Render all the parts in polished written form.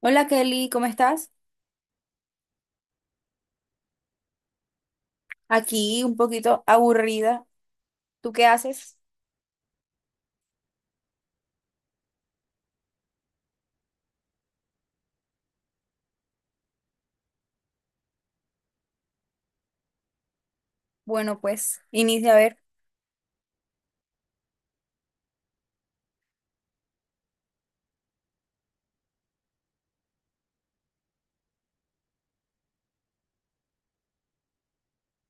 Hola, Kelly, ¿cómo estás? Aquí un poquito aburrida. ¿Tú qué haces? Bueno, pues inicia a ver.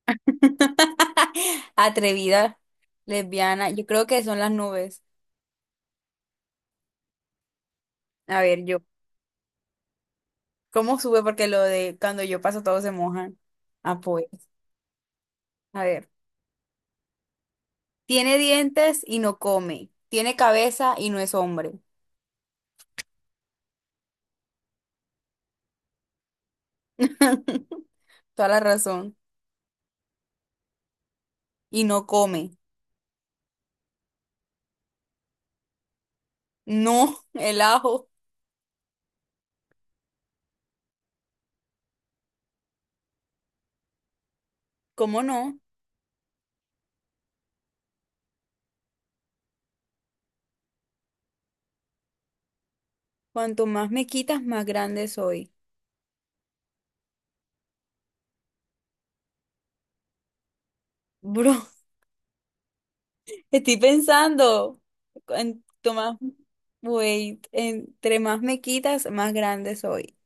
Atrevida, lesbiana, yo creo que son las nubes. A ver, yo, ¿cómo sube? Porque lo de cuando yo paso todos se mojan. Ah, pues, a ver. Tiene dientes y no come. Tiene cabeza y no es hombre. Toda la razón. Y no come. No, el ajo. ¿Cómo no? Cuanto más me quitas, más grande soy. Bro. Estoy pensando, en, tomar entre más me quitas, más grande soy.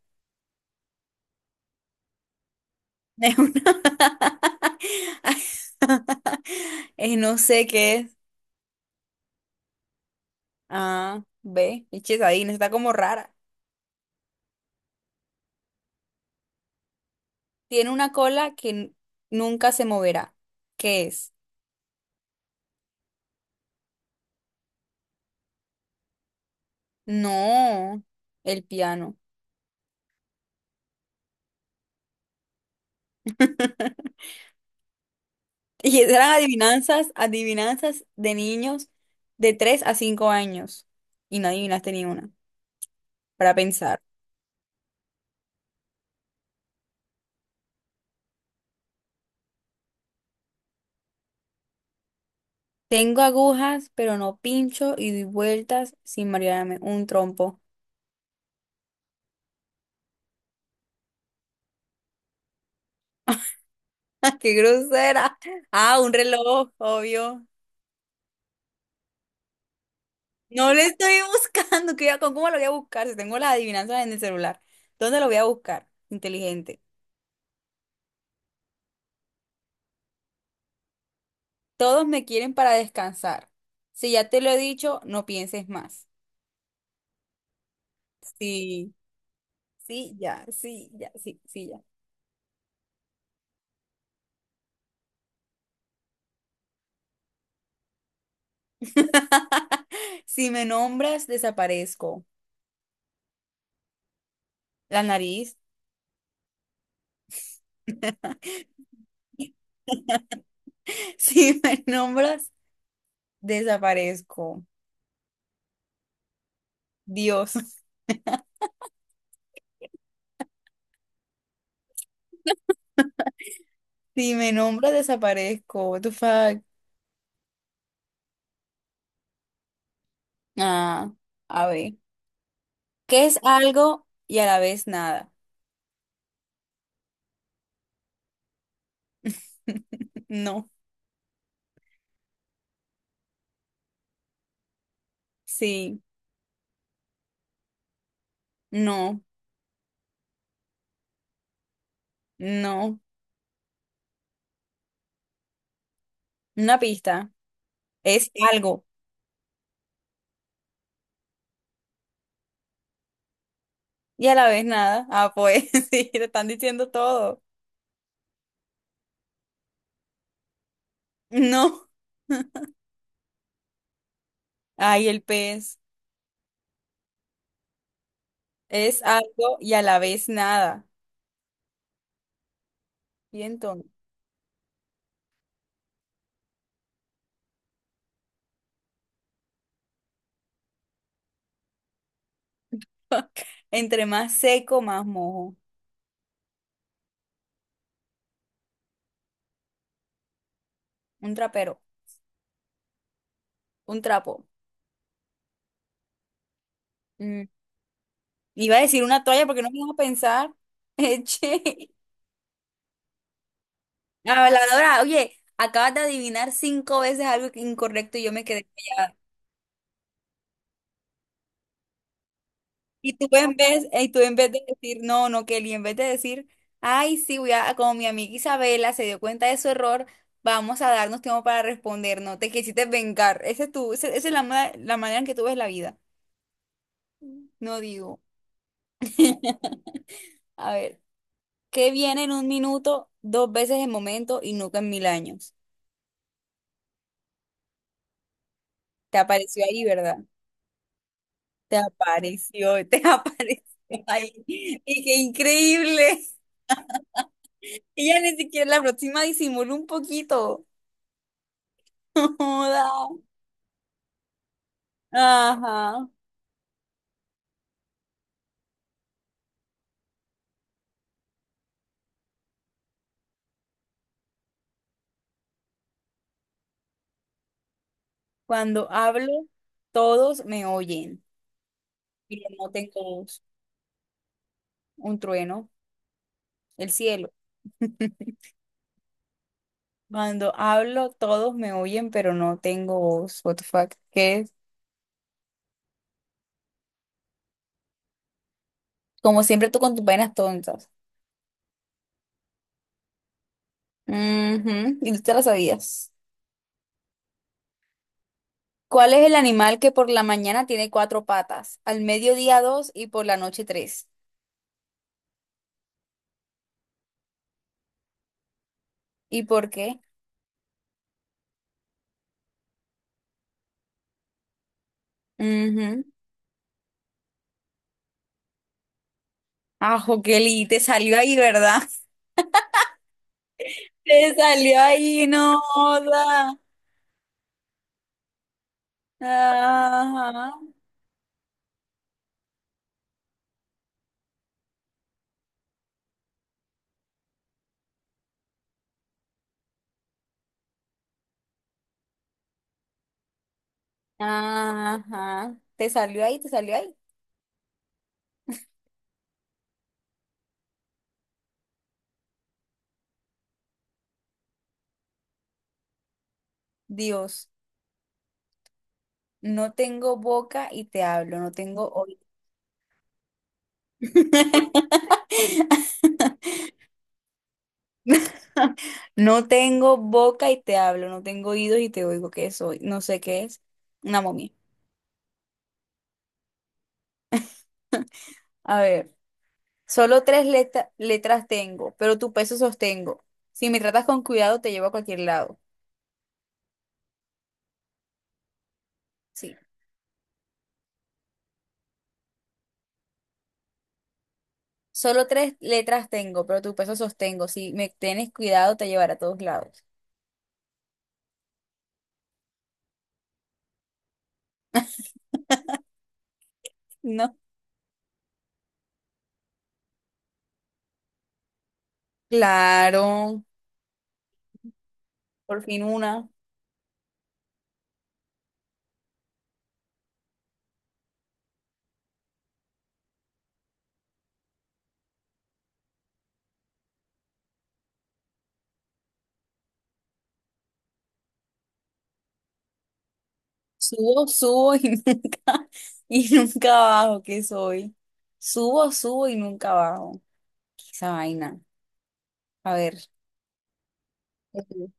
Es una- no sé qué es. Ah, ve, eches ahí, no está como rara. Tiene una cola que nunca se moverá. ¿Qué es? No, el piano. Y eran adivinanzas, adivinanzas de niños de 3 a 5 años. Y no adivinaste ni una, para pensar. Tengo agujas, pero no pincho y doy vueltas sin marearme. Un trompo. ¡Qué grosera! Ah, un reloj, obvio. No lo estoy buscando. ¿Qué- con ¿Cómo lo voy a buscar? Si tengo las adivinanzas en el celular. ¿Dónde lo voy a buscar? Inteligente. Todos me quieren para descansar. Si ya te lo he dicho, no pienses más. Sí, sí, ya, sí, ya, sí, sí, ya. Si me nombras, desaparezco. La nariz. Si me nombras, desaparezco. Dios, si me nombra desaparezco. What the fuck? Ah, a ver. ¿Qué es algo y a la vez nada? No, sí, no, no. Una pista. Es algo y a la vez nada. Ah, pues sí, te están diciendo todo. No. Ay, el pez. Es algo y a la vez nada. Y entonces, entre más seco, más mojo. Un trapero, un trapo. Mm, Iba a decir una toalla porque no me iba a pensar. Eche. La lavadora, oye, acabas de adivinar cinco veces algo que- incorrecto y yo me quedé callada. Y tú en vez de decir, no, no, Kelly, en vez de decir, ay, sí, voy a, como mi amiga Isabela se dio cuenta de su error, vamos a darnos tiempo para responder, no te quisiste vengar. Ese es tu, ese- esa es la manera en que tú ves la vida. No digo. A ver, ¿qué viene en un minuto, dos veces en momento y nunca en mil años? Te apareció ahí, ¿verdad? Te apareció, te apareció ahí. Y qué increíble. Ella ni siquiera la próxima disimuló un poquito. Joda. Ajá. Cuando hablo, todos me oyen. Y no tengo voz. Un trueno, el cielo. Cuando hablo, todos me oyen, pero no tengo voz. What the fuck? ¿Qué es? Como siempre tú con tus vainas tontas. Ujú, y tú te las sabías. ¿Cuál es el animal que por la mañana tiene cuatro patas, al mediodía dos y por la noche tres? ¿Y por qué? Ujú. Ajo, Kelly, te salió ahí, ¿verdad? Te salió ahí, no. Joda. Ajá. Ajá. Te salió ahí, te salió ahí. Dios, no tengo boca y te hablo, no tengo oído. No tengo boca y te hablo, no tengo oídos y te oigo. ¿Qué soy? No sé qué es. Una momia. A ver, solo tres letras tengo, pero tu peso sostengo. Si me tratas con cuidado, te llevo a cualquier lado. Sí. Solo tres letras tengo, pero tu peso sostengo. Si me tienes cuidado, te llevaré a todos lados. No. Claro, por fin una. Subo, subo y nunca, y nunca bajo, ¿qué soy? Subo, subo y nunca bajo. ¿Qué es esa vaina? A ver. Ujú.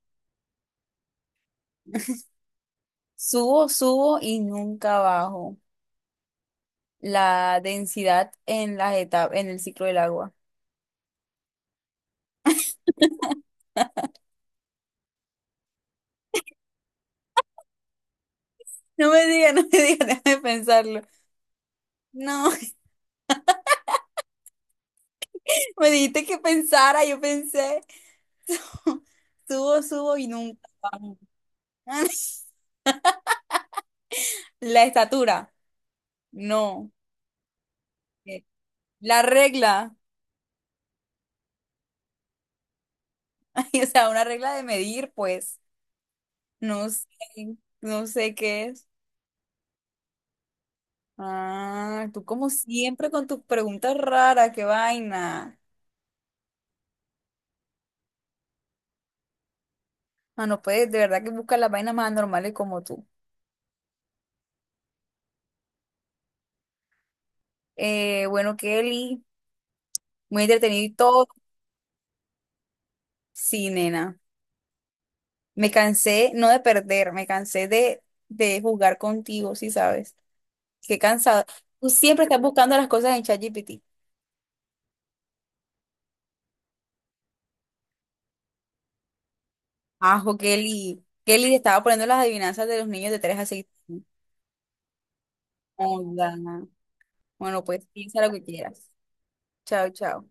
Subo, subo y nunca bajo. La densidad en las etapas, en el ciclo del agua. No me digas, no me digas, déjame pensarlo. No, me dijiste que pensara, yo pensé. Subo, subo y nunca bajo. La estatura, no. Eh, la regla, ay, o sea, una regla de medir, pues, no sé, no sé qué es. Ah, tú como siempre con tus preguntas raras, qué vaina. Ah, no puedes, de verdad que buscas las vainas más anormales como tú. Bueno, Kelly, muy entretenido y todo. Sí, nena. Me cansé, no de perder, me cansé de jugar contigo, sí sabes. Qué cansado. Tú siempre estás buscando las cosas en ChatGPT. Ajo, Kelly. Kelly le estaba poniendo las adivinanzas de los niños de 3 a seis. Hola. Bueno, pues piensa lo que quieras. Chao, chao.